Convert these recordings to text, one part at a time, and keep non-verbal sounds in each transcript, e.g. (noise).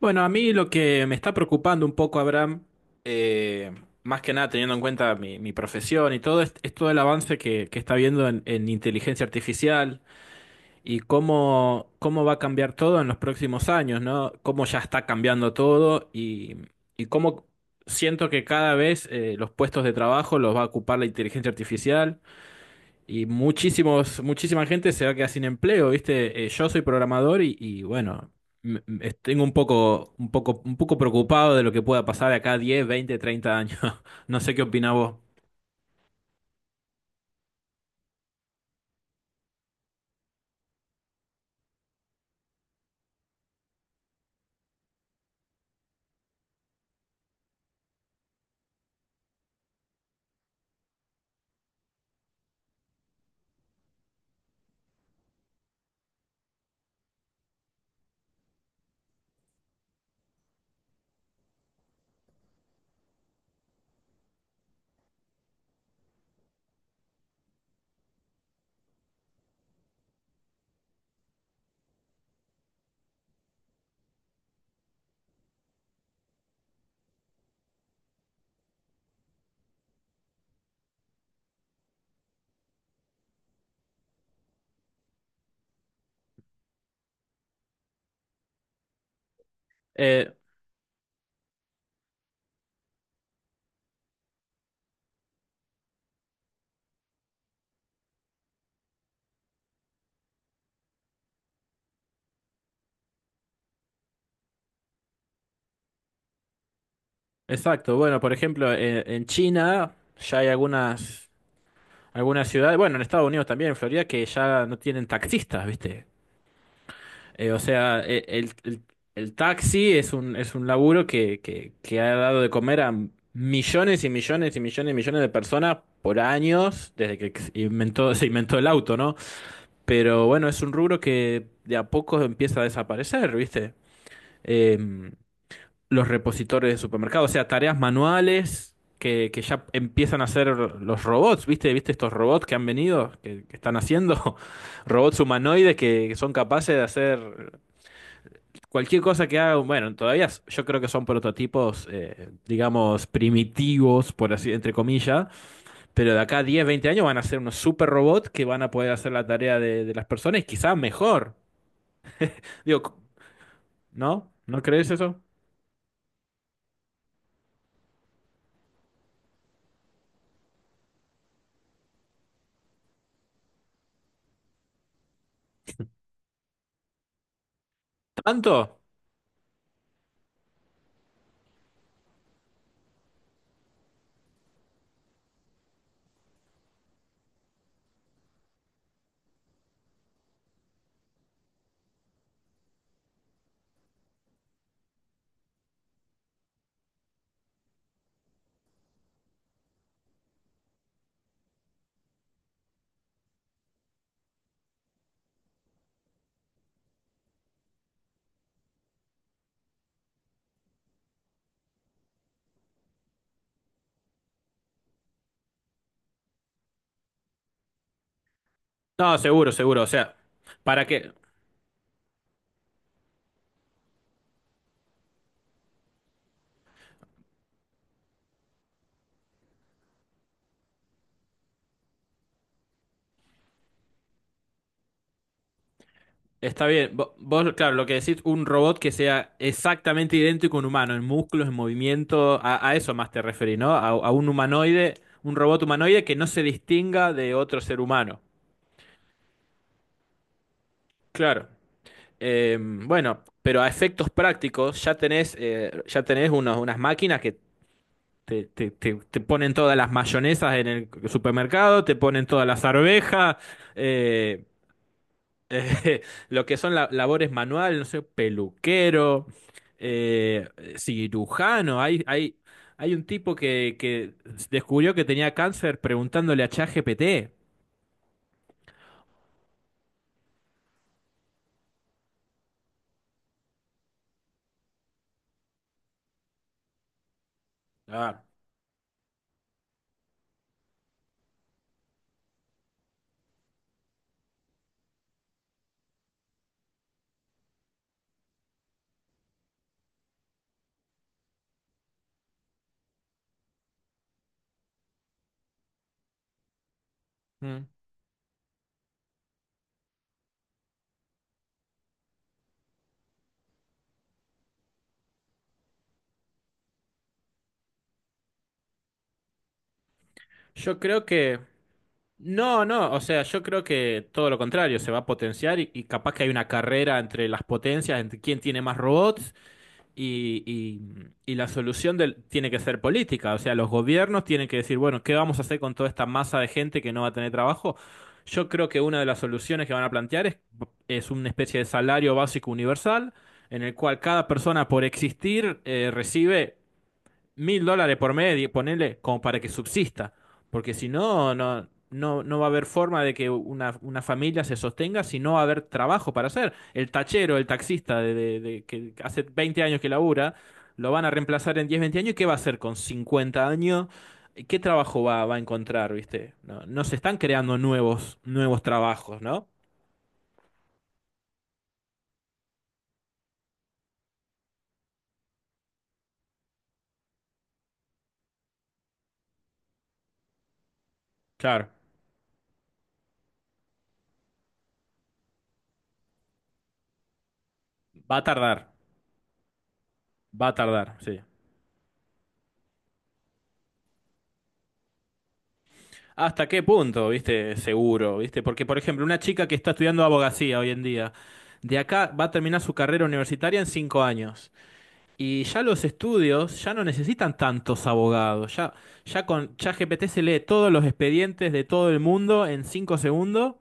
Bueno, a mí lo que me está preocupando un poco, Abraham, eh, más que nada teniendo en cuenta mi profesión y todo, es todo el avance que está habiendo en inteligencia artificial y cómo va a cambiar todo en los próximos años, ¿no? Cómo ya está cambiando todo y cómo siento que cada vez los puestos de trabajo los va a ocupar la inteligencia artificial y muchísima gente se va a quedar sin empleo, ¿viste? Yo soy programador bueno, tengo un poco, un poco preocupado de lo que pueda pasar de acá a 10, 20, 30 años. (laughs) No sé qué opinás vos. Eh, exacto, bueno, por ejemplo, en China ya hay algunas ciudades, bueno, en Estados Unidos también, en Florida, que ya no tienen taxistas, ¿viste? O sea, el taxi es un laburo que ha dado de comer a millones y millones y millones y millones de personas por años, desde que inventó, (laughs) se inventó el auto, ¿no? Pero bueno, es un rubro que de a poco empieza a desaparecer, ¿viste? Em, los repositores de supermercados, o sea, tareas manuales que ya empiezan a hacer los robots, ¿viste? ¿Viste estos robots que han venido, que están haciendo? (laughs) Robots humanoides que son capaces de hacer. Cualquier cosa que hagan, bueno, yo creo que son prototipos, digamos, primitivos, por así, entre comillas, pero de acá a 10, 20 años van a ser unos super robots que van a poder hacer la tarea de las personas y quizás mejor. Digo, c- ¿No? ¿No crees eso? ¿Tanto? No, seguro, seguro. O sea, ¿para qué? Está bien. Vos, claro, lo que decís, un robot que sea exactamente idéntico a un humano, en músculos, en movimiento, a eso más te referís, ¿no? A a un humanoide, un robot humanoide que no se distinga de otro ser humano. Claro. Bueno, pero a efectos prácticos ya tenés unas máquinas que te ponen todas las mayonesas en el supermercado, te ponen todas las arvejas, eh, (laughs) eh, lo que son labores manuales, no sé, peluquero, eh, cirujano. Hay un tipo que descubrió que tenía cáncer preguntándole a ChatGPT. Ah. Mm. Yo creo que... No, no, o sea, yo creo que todo lo contrario, se va a potenciar y capaz que hay una carrera entre las potencias, entre quién tiene más robots y, y- y la solución tiene que ser política, o sea, los gobiernos tienen que decir, bueno, ¿qué vamos a hacer con toda esta masa de gente que no va a tener trabajo? Yo creo que una de las soluciones que van a plantear es una especie de salario básico universal en el cual cada persona por existir recibe $1000 por mes, ponerle como para que subsista, porque si no, no va a haber forma de que una familia se sostenga si no va a haber trabajo para hacer. El tachero, el taxista que hace 20 años que labura, lo van a reemplazar en 10 20 años, ¿y qué va a hacer con 50 años? ¿Qué trabajo va a encontrar, viste? No, no se están creando nuevos, nuevos trabajos, ¿no? Claro, va a tardar, va a tardar, sí. ¿Hasta qué punto, viste? Seguro, viste? Porque, por ejemplo, una chica que está estudiando abogacía hoy en día, de acá va a terminar su carrera universitaria en 5 años. Y ya los estudios ya no necesitan tantos abogados. Ya, ya con ChatGPT se lee todos los expedientes de todo el mundo en 5 segundos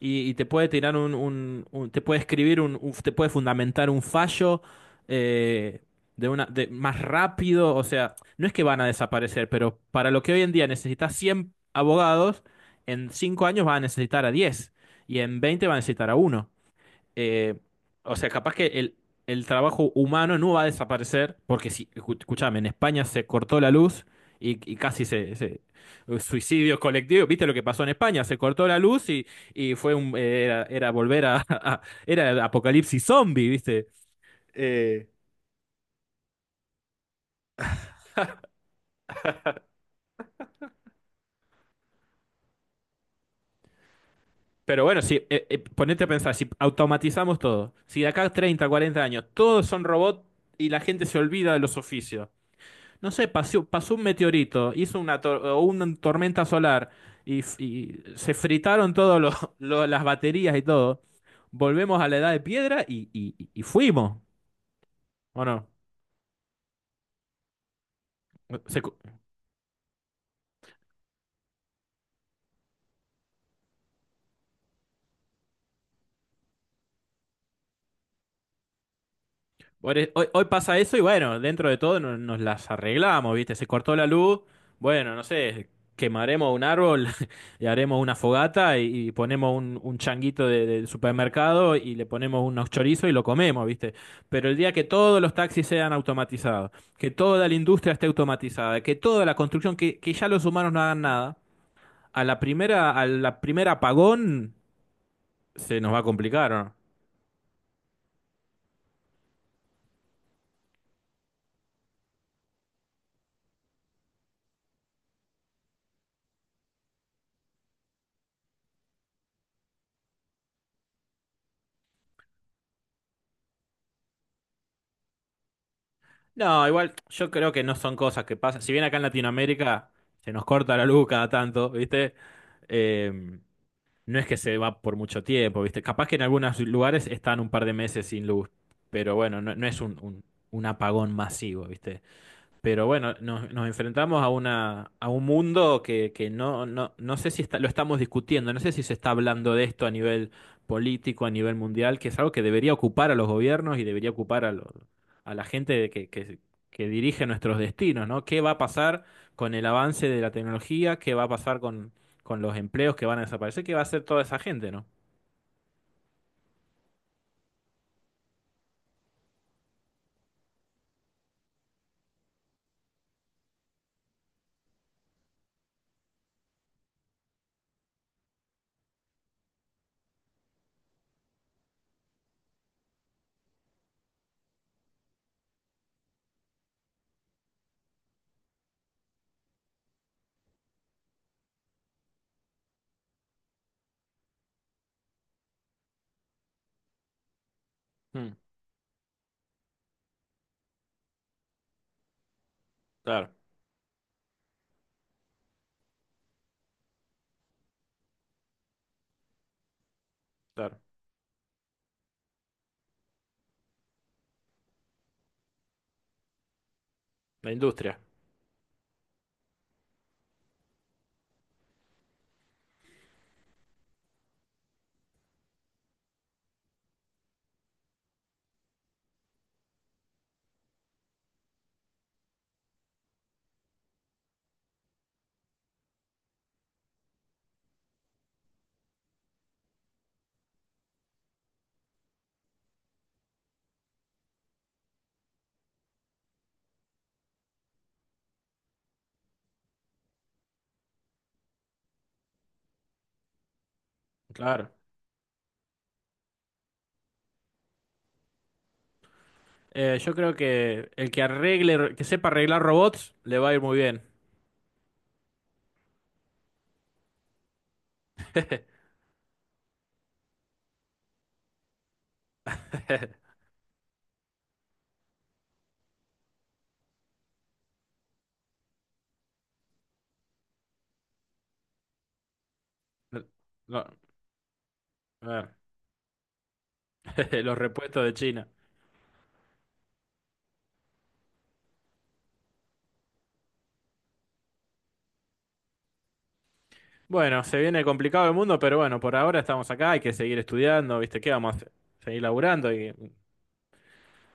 y te puede tirar te puede escribir te puede fundamentar un fallo eh, de una de más rápido, o sea, no es que van a desaparecer, pero para lo que hoy en día necesitas 100 abogados, en 5 años va a necesitar a 10 y en 20 va a necesitar a uno eh, o sea, capaz que el trabajo humano no va a desaparecer, porque si, escuchame, en España se cortó la luz y casi suicidios colectivos, ¿viste lo que pasó en España? Se cortó la luz y fue un, era volver a, (laughs) era el apocalipsis zombie, ¿viste? Eh, pero bueno, si, ponete a pensar, si automatizamos todo, si de acá a 30, 40 años todos son robots y la gente se olvida de los oficios. No sé, pasó, pasó un meteorito, hizo una, o una tormenta solar y, y se fritaron (laughs) las baterías y todo. Volvemos a la edad de piedra y fuimos, ¿o no? Se, hoy pasa eso y bueno, dentro de todo nos, nos las arreglamos, ¿viste? Se cortó la luz, bueno, no sé, quemaremos un árbol (laughs) y haremos una fogata y ponemos un changuito del supermercado y le ponemos unos chorizos y lo comemos, ¿viste? Pero el día que todos los taxis sean automatizados, que toda la industria esté automatizada, que toda la construcción, que ya los humanos no hagan nada, a la primera apagón se nos va a complicar, ¿o ¿no? No, igual yo creo que no son cosas que pasan. Si bien acá en Latinoamérica se nos corta la luz cada tanto, ¿viste? Eh, no es que se va por mucho tiempo, ¿viste? Capaz que en algunos lugares están un par de meses sin luz, pero bueno, no, no es un apagón masivo, ¿viste? Pero bueno, nos, nos enfrentamos a una, a un mundo que no, no sé si lo estamos discutiendo, no sé si se está hablando de esto a nivel político, a nivel mundial, que es algo que debería ocupar a los gobiernos y debería ocupar a, a la gente que dirige nuestros destinos, ¿no? ¿Qué va a pasar con el avance de la tecnología? ¿Qué va a pasar con los empleos que van a desaparecer? ¿Qué va a hacer toda esa gente, ¿no? Mm, claro, claro. La industria, claro. Yo creo que el que arregle, que sepa arreglar robots, le va a ir muy bien. (laughs) No, eh, (laughs) los repuestos de China. Bueno, se viene complicado el mundo, pero bueno, por ahora estamos acá, hay que seguir estudiando, ¿viste? ¿Qué vamos a hacer? Seguir laburando y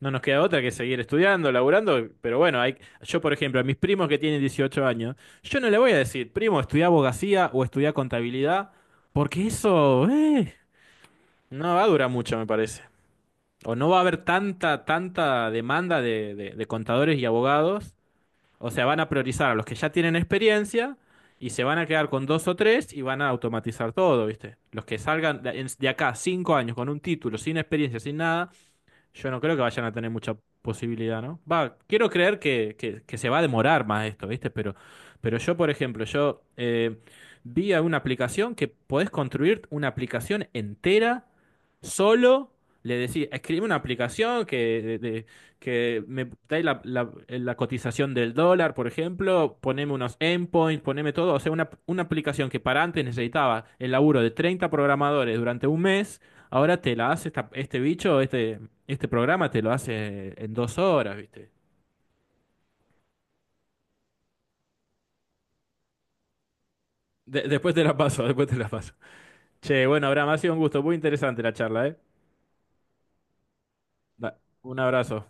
no nos queda otra que seguir estudiando, laburando, pero bueno, hay, yo por ejemplo, a mis primos que tienen 18 años, yo no le voy a decir, primo, estudia abogacía o estudia contabilidad, porque eso, no va a durar mucho, me parece. O no va a haber tanta, tanta demanda de, de contadores y abogados, o sea, van a priorizar a los que ya tienen experiencia y se van a quedar con dos o tres y van a automatizar todo, ¿viste? Los que salgan de, de acá cinco años con un título, sin experiencia, sin nada yo no creo que vayan a tener mucha posibilidad, ¿no? Va, quiero creer que, que se va a demorar más esto, ¿viste? Pero yo, por ejemplo, yo vi a una aplicación que podés construir una aplicación entera solo. Le decís, escribe una aplicación que, que me dé la, la cotización del dólar, por ejemplo, poneme unos endpoints, poneme todo. O sea, una aplicación que para antes necesitaba el laburo de 30 programadores durante un mes. Ahora te la hace este bicho, este programa te lo hace en 2 horas, ¿viste? Después te la paso, (laughs) después te la paso. Che, bueno, Abraham, ha sido un gusto, muy interesante la charla, ¿eh? Da- un abrazo.